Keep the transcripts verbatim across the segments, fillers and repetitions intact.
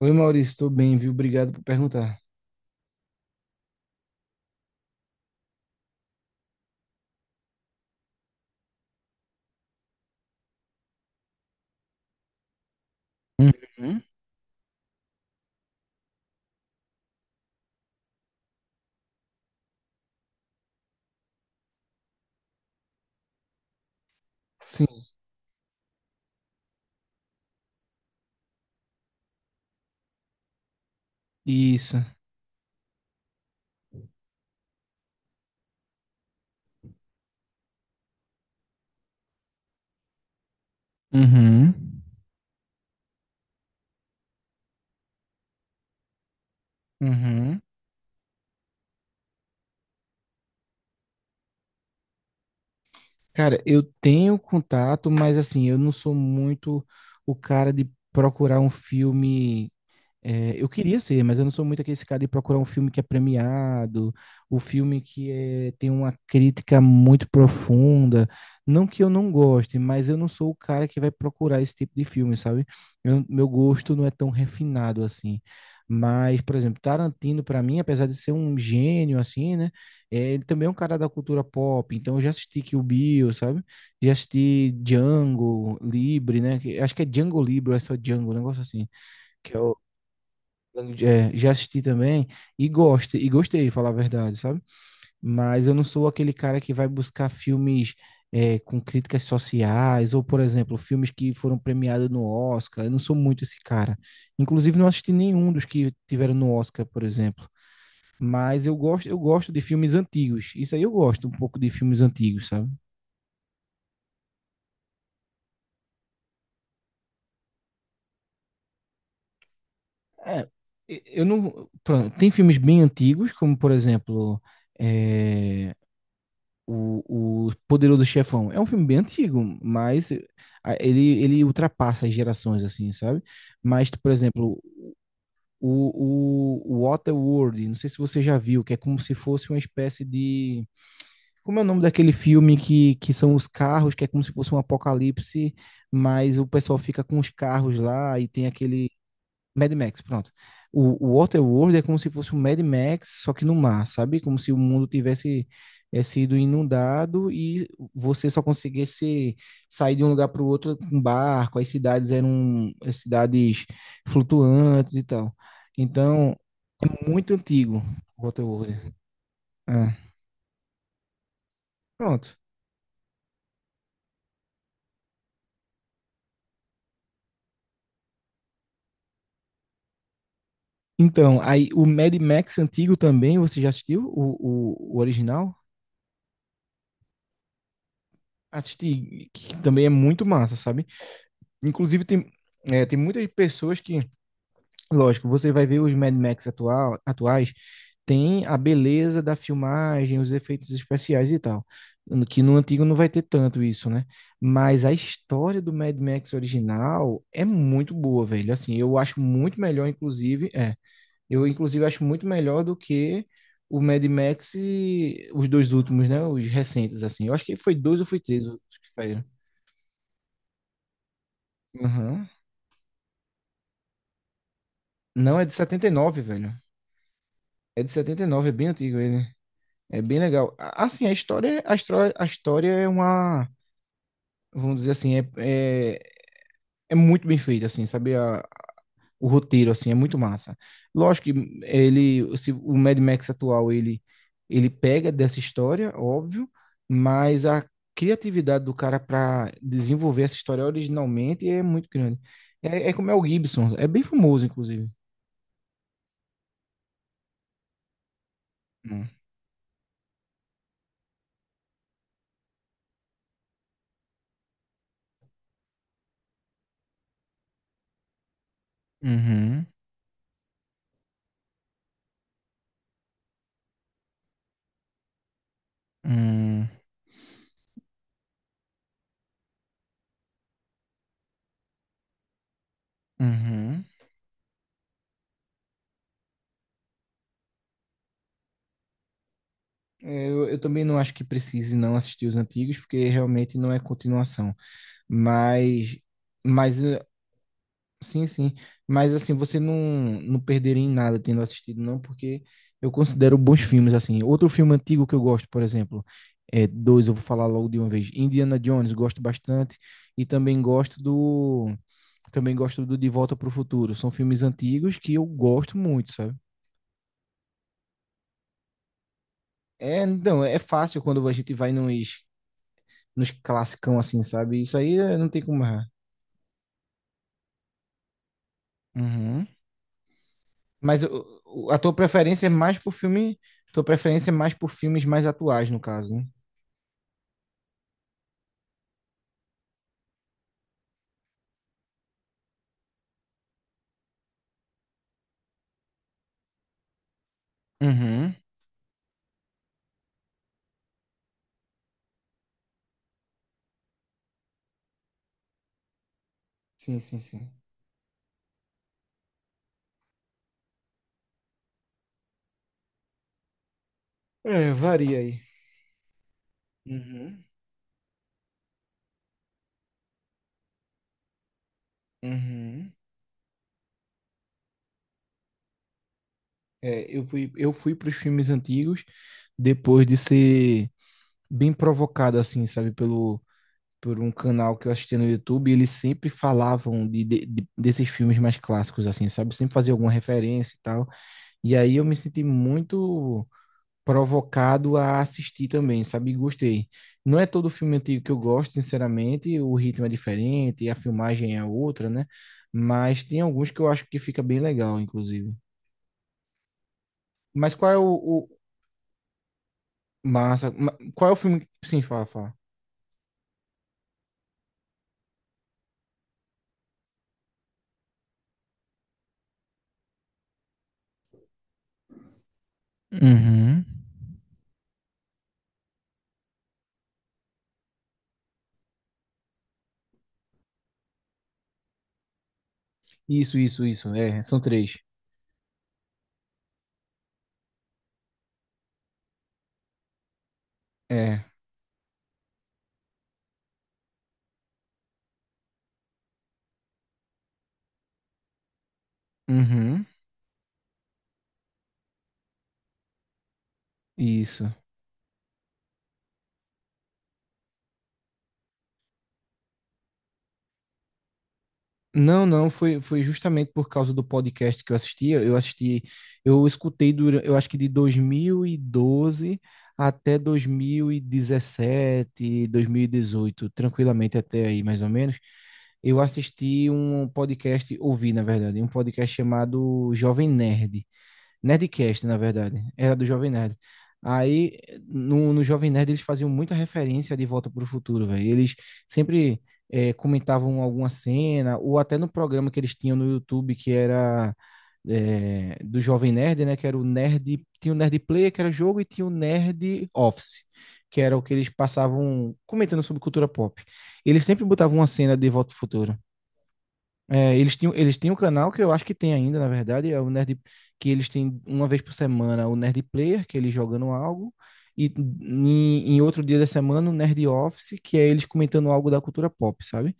Oi, Maurício, estou bem, viu? Obrigado por perguntar. Uhum. Sim, isso. Uhum. Uhum. Cara, eu tenho contato, mas assim, eu não sou muito o cara de procurar um filme. É, eu queria ser, mas eu não sou muito aquele cara de procurar um filme que é premiado, o filme que é- tem uma crítica muito profunda. Não que eu não goste, mas eu não sou o cara que vai procurar esse tipo de filme, sabe? Eu- meu gosto não é tão refinado assim. Mas, por exemplo, Tarantino, para mim, apesar de ser um gênio, assim, né? é, ele também é um cara da cultura pop. Então, eu já assisti Kill Bill, sabe? Já assisti Django Livre, né? que- acho que é Django Livre, ou é só Django, um negócio assim que é é, já assisti também, e gosto, e gostei, falar a verdade, sabe? Mas eu não sou aquele cara que vai buscar filmes é, com críticas sociais, ou, por exemplo, filmes que foram premiados no Oscar. Eu não sou muito esse cara. Inclusive, não assisti nenhum dos que tiveram no Oscar, por exemplo. Mas eu gosto, eu gosto de filmes antigos. Isso aí eu gosto um pouco de filmes antigos, sabe? É, e- eu não. Pronto, tem filmes bem antigos, como, por exemplo, é, o, o Poderoso Chefão. É um filme bem antigo, mas a- ele, ele ultrapassa as gerações, assim, sabe? Mas, por exemplo, o, o, o Waterworld, não sei se você já viu, que é como se fosse uma espécie de. Como é o nome daquele filme que, que são os carros, que é como se fosse um apocalipse, mas o pessoal fica com os carros lá e tem aquele Mad Max, pronto. O, o Waterworld é como se fosse um Mad Max, só que no mar, sabe? Como se o mundo tivesse é, sido inundado e você só conseguisse sair de um lugar para o outro com barco. As cidades eram as cidades flutuantes e tal. Então, é muito antigo o Waterworld. É, pronto. Então, aí o Mad Max antigo também, você já assistiu o, o, o original? Assisti, que também é muito massa, sabe? Inclusive, tem, é, tem muitas pessoas que, lógico, você vai ver os Mad Max atual, atuais, tem a beleza da filmagem, os efeitos especiais e tal. no- Que no antigo não vai ter tanto isso, né? Mas a história do Mad Max original é muito boa, velho. Assim, eu acho muito melhor, inclusive. É, eu, inclusive, acho muito melhor do que o Mad Max e os dois últimos, né? Os recentes, assim. Eu acho que foi dois ou foi três os que saíram. Aham. Não, é de setenta e nove velho. É de setenta e nove, é bem antigo ele. É bem legal. A- Assim, a história, a história, a história é uma, vamos dizer assim, é, é, é muito bem feita, assim, sabe? A- o roteiro, assim, é muito massa. Lógico que ele, se, o Mad Max atual, ele, ele pega dessa história, óbvio, mas a criatividade do cara para desenvolver essa história originalmente é muito grande. É, é como é o Gibson, é bem famoso, inclusive. Hum. Uhum. Hum. Uhum. É, Eu, eu também não acho que precise não assistir os antigos, porque realmente não é continuação. Mas, mas eh, sim, sim. Mas assim, você não, não perderia em nada tendo assistido, não, porque eu considero bons filmes, assim. Outro filme antigo que eu gosto, por exemplo, é, dois, eu vou falar logo de uma vez. Indiana Jones, gosto bastante. E também gosto do. Também gosto do De Volta para o Futuro. São filmes antigos que eu gosto muito, sabe? É, então, é fácil quando a gente vai nos nos classicão, assim, sabe? Isso aí eh, não tem como errar. Uhum. Mas o- o- a tua preferência é mais por filme. Tua preferência é mais por filmes mais atuais, no caso, né? Uhum. Sim, sim, sim. É, varia aí. Uhum. Uhum. É, eu fui, eu fui para os filmes antigos depois de ser bem provocado, assim, sabe, pelo, por um canal que eu assistia no YouTube. E eles sempre falavam de, de- de- desses filmes mais clássicos, assim, sabe? Sempre fazia alguma referência e tal. E aí eu me senti muito provocado a assistir também, sabe? Gostei. Não é todo filme antigo que eu gosto, sinceramente, o ritmo é diferente, a filmagem é outra, né? Mas tem alguns que eu acho que fica bem legal, inclusive. Mas qual é o, o- massa? ma- Qual é o filme? Sim, fala, fala. Uhum. Isso, isso, isso. É, são três. É. Uhum. Isso. Não, não, foi, foi justamente por causa do podcast que eu assistia. Eu assisti, eu escutei durante, eu acho que de dois mil e doze até dois mil e dezessete, dois mil e dezoito, tranquilamente até aí, mais ou menos. Eu assisti um podcast, ouvi, na verdade, um podcast chamado Jovem Nerd. Nerdcast, na verdade. Era do Jovem Nerd. Aí, no, no Jovem Nerd, eles faziam muita referência de Volta para o Futuro, velho. Eles sempre é, comentavam alguma cena, ou até no programa que eles tinham no YouTube, que era é, do Jovem Nerd, né? Que era o Nerd. Tinha o Nerd Player, que era jogo, e tinha o Nerd Office, que era o que eles passavam comentando sobre cultura pop. Eles sempre botavam uma cena de Volta para o Futuro. É, eles tinham, eles tinham um canal que eu acho que tem ainda, na verdade, é o Nerd, que eles têm uma vez por semana o Nerd Player, que é eles jogando algo, e em, em outro dia da semana o Nerd Office, que é eles comentando algo da cultura pop, sabe?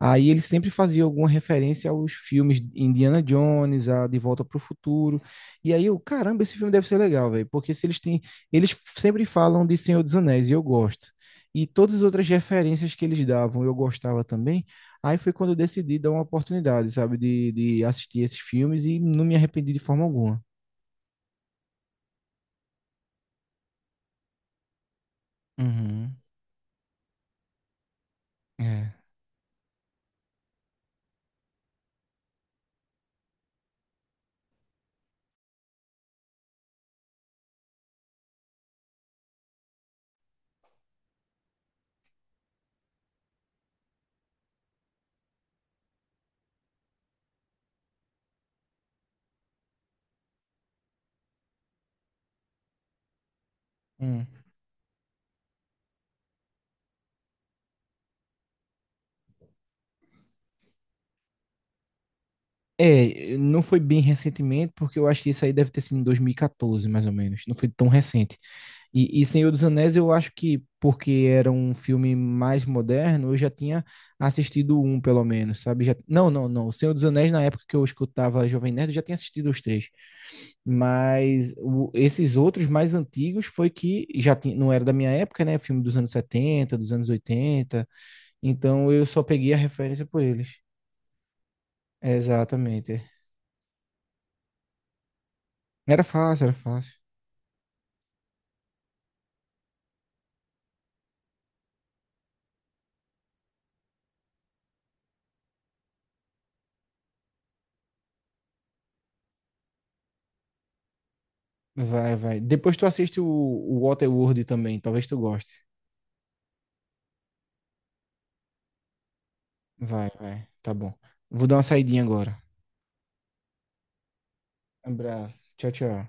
Aí eles sempre faziam alguma referência aos filmes Indiana Jones, a De Volta para o Futuro. E aí eu, caramba, esse filme deve ser legal, velho, porque se eles têm, eles sempre falam de Senhor dos Anéis e eu gosto. E todas as outras referências que eles davam, eu gostava também. Aí foi quando eu decidi dar uma oportunidade, sabe, de, de assistir esses filmes e não me arrependi de forma alguma. Uhum. É. Hum. É, não foi bem recentemente, porque eu acho que isso aí deve ter sido em dois mil e catorze, mais ou menos. Não foi tão recente. E, e Senhor dos Anéis, eu acho que, porque era um filme mais moderno, eu já tinha assistido um, pelo menos, sabe? Já. Não, não, não. O Senhor dos Anéis, na época que eu escutava Jovem Nerd, eu já tinha assistido os três. Mas o- esses outros mais antigos foi que já tinha, não era da minha época, né? Filme dos anos setenta dos anos oitenta. Então eu só peguei a referência por eles. Exatamente. Era fácil, era fácil. Vai, vai. Depois tu assiste o, o Waterworld também, talvez tu goste. Vai, vai. Tá bom. Vou dar uma saidinha agora. Abraço. Tchau, tchau.